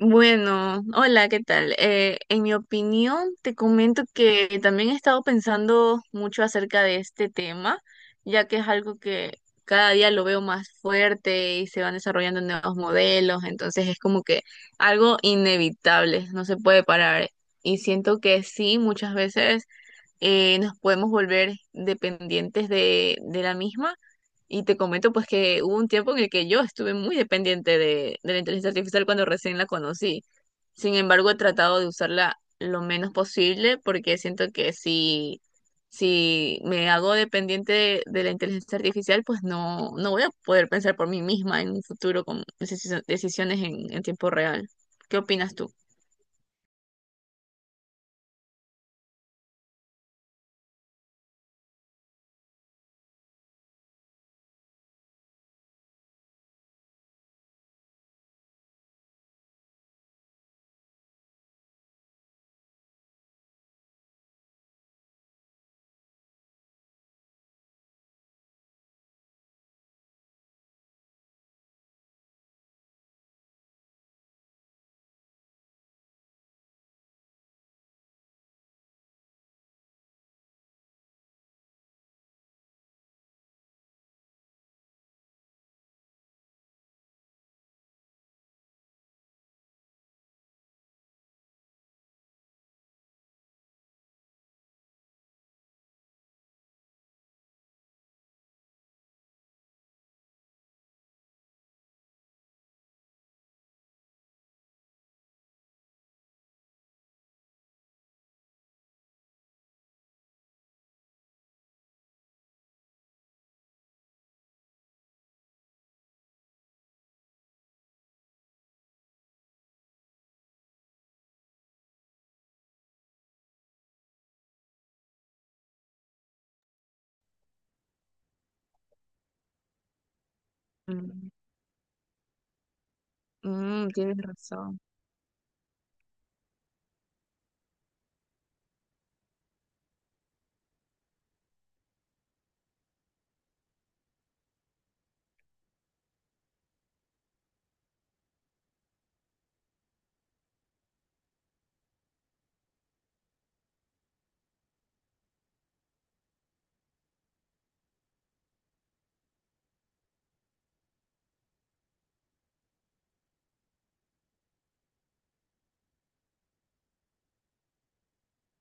Bueno, hola, ¿qué tal? En mi opinión, te comento que también he estado pensando mucho acerca de este tema, ya que es algo que cada día lo veo más fuerte y se van desarrollando nuevos modelos, entonces es como que algo inevitable, no se puede parar. Y siento que sí, muchas veces nos podemos volver dependientes de la misma. Y te comento pues que hubo un tiempo en el que yo estuve muy dependiente de la inteligencia artificial cuando recién la conocí. Sin embargo, he tratado de usarla lo menos posible porque siento que si me hago dependiente de la inteligencia artificial, pues no voy a poder pensar por mí misma en un futuro con decisiones en tiempo real. ¿Qué opinas tú? Mm, tienes razón.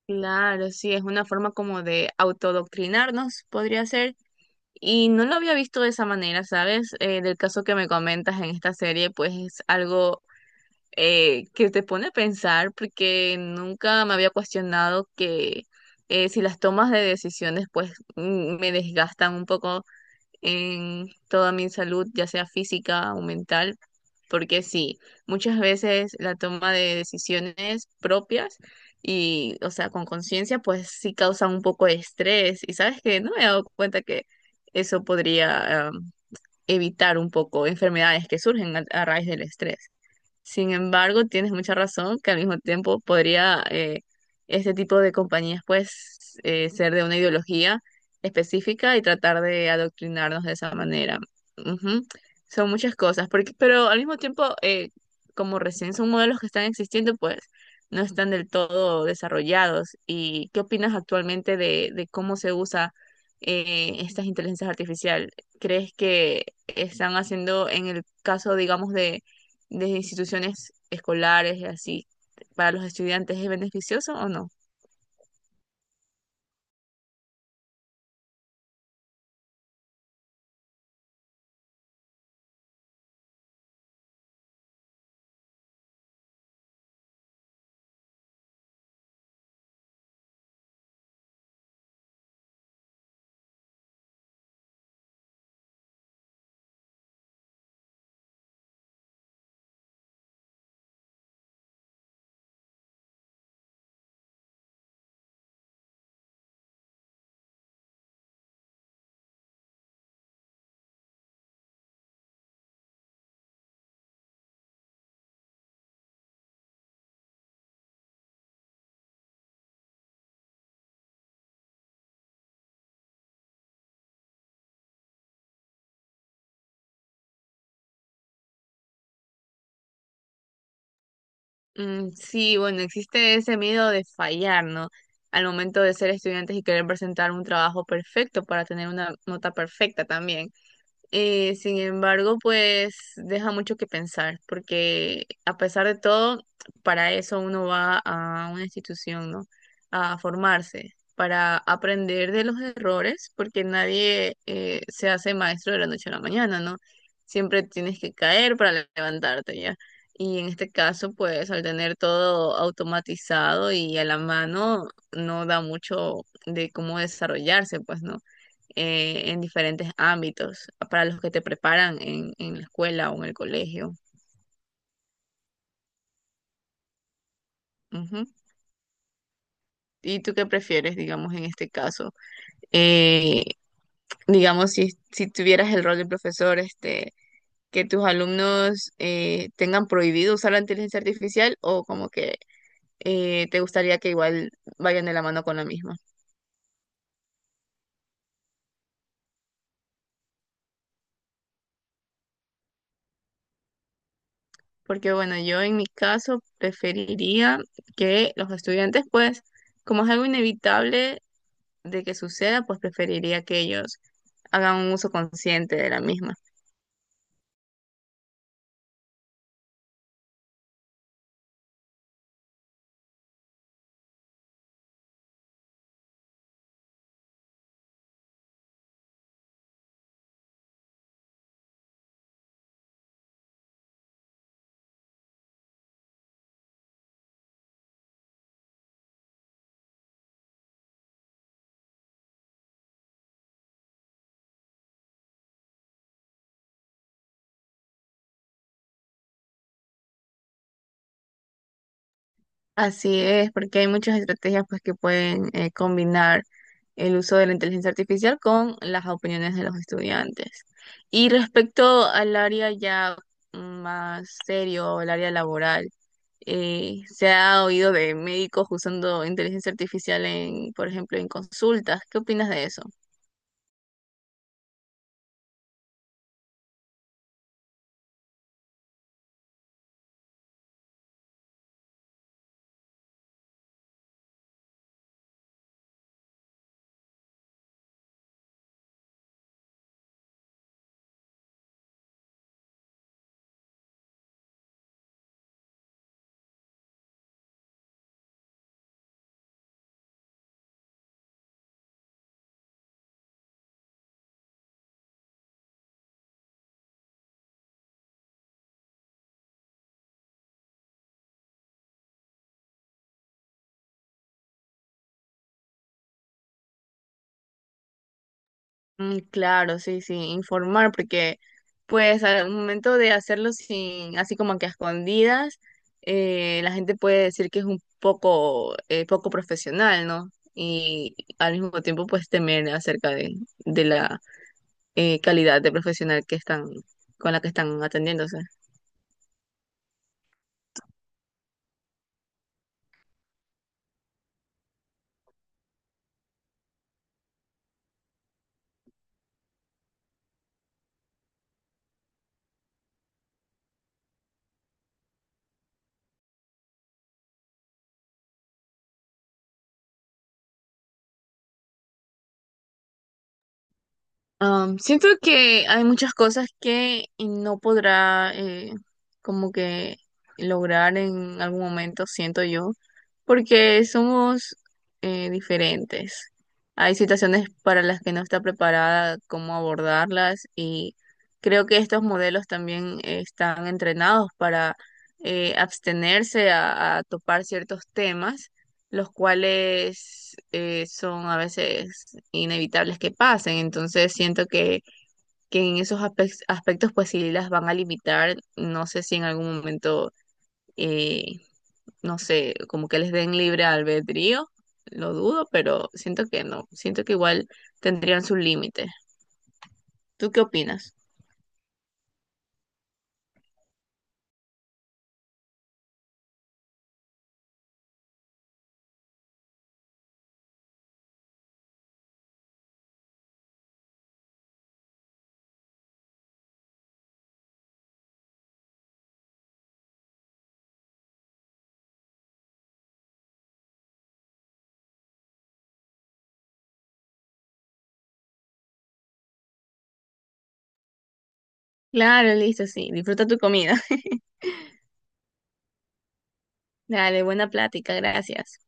Claro, sí, es una forma como de autodoctrinarnos, podría ser. Y no lo había visto de esa manera, ¿sabes? Del caso que me comentas en esta serie, pues es algo que te pone a pensar porque nunca me había cuestionado que si las tomas de decisiones pues me desgastan un poco en toda mi salud, ya sea física o mental, porque sí, muchas veces la toma de decisiones propias y, o sea, con conciencia, pues sí causan un poco de estrés. Y sabes que no me he dado cuenta que eso podría, evitar un poco enfermedades que surgen a raíz del estrés. Sin embargo, tienes mucha razón que al mismo tiempo podría este tipo de compañías pues ser de una ideología específica y tratar de adoctrinarnos de esa manera. Ujú. Son muchas cosas, porque, pero al mismo tiempo, como recién son modelos que están existiendo, pues no están del todo desarrollados. ¿Y qué opinas actualmente de cómo se usa estas inteligencias artificiales? ¿Crees que están haciendo en el caso, digamos, de instituciones escolares y así para los estudiantes es beneficioso o no? Mm, sí, bueno, existe ese miedo de fallar, ¿no? Al momento de ser estudiantes y querer presentar un trabajo perfecto para tener una nota perfecta también. Sin embargo, pues deja mucho que pensar, porque a pesar de todo, para eso uno va a una institución, ¿no? A formarse, para aprender de los errores, porque nadie se hace maestro de la noche a la mañana, ¿no? Siempre tienes que caer para levantarte, ¿ya? Y en este caso, pues al tener todo automatizado y a la mano, no da mucho de cómo desarrollarse, pues, ¿no? En diferentes ámbitos, para los que te preparan en la escuela o en el colegio. Ujú. ¿Y tú qué prefieres, digamos, en este caso? Eh, digamos, si tuvieras el rol de profesor, este, que tus alumnos tengan prohibido usar la inteligencia artificial o como que te gustaría que igual vayan de la mano con la misma. Porque bueno, yo en mi caso preferiría que los estudiantes, pues, como es algo inevitable, de que suceda, pues preferiría que ellos hagan un uso consciente de la misma. Así es, porque hay muchas estrategias pues que pueden combinar el uso de la inteligencia artificial con las opiniones de los estudiantes. Y respecto al área ya más serio, el área laboral, se ha oído de médicos usando inteligencia artificial en, por ejemplo, en consultas. ¿Qué opinas de eso? Mm, claro, sí, sí, informar, porque pues al momento de hacerlo sin, así como que a escondidas, la gente puede decir que es un poco, poco profesional, ¿no? Y al mismo tiempo pues temer acerca de la calidad de profesional que están, con la que están atendiéndose. Am, siento que hay muchas cosas que no podrá como que lograr en algún momento, siento yo, porque somos diferentes. Hay situaciones para las que no está preparada cómo abordarlas y creo que estos modelos también están entrenados para abstenerse a topar ciertos temas los cuales son a veces inevitables que pasen. Entonces siento que en esos aspectos pues sí las van a limitar. No sé si en algún momento, eh, no sé, como que les den libre albedrío, lo dudo, pero siento que no, siento que igual tendrían su límite. ¿Tú qué opinas? Claro, listo, sí, disfruta tu comida. Dale, buena plática, gracias.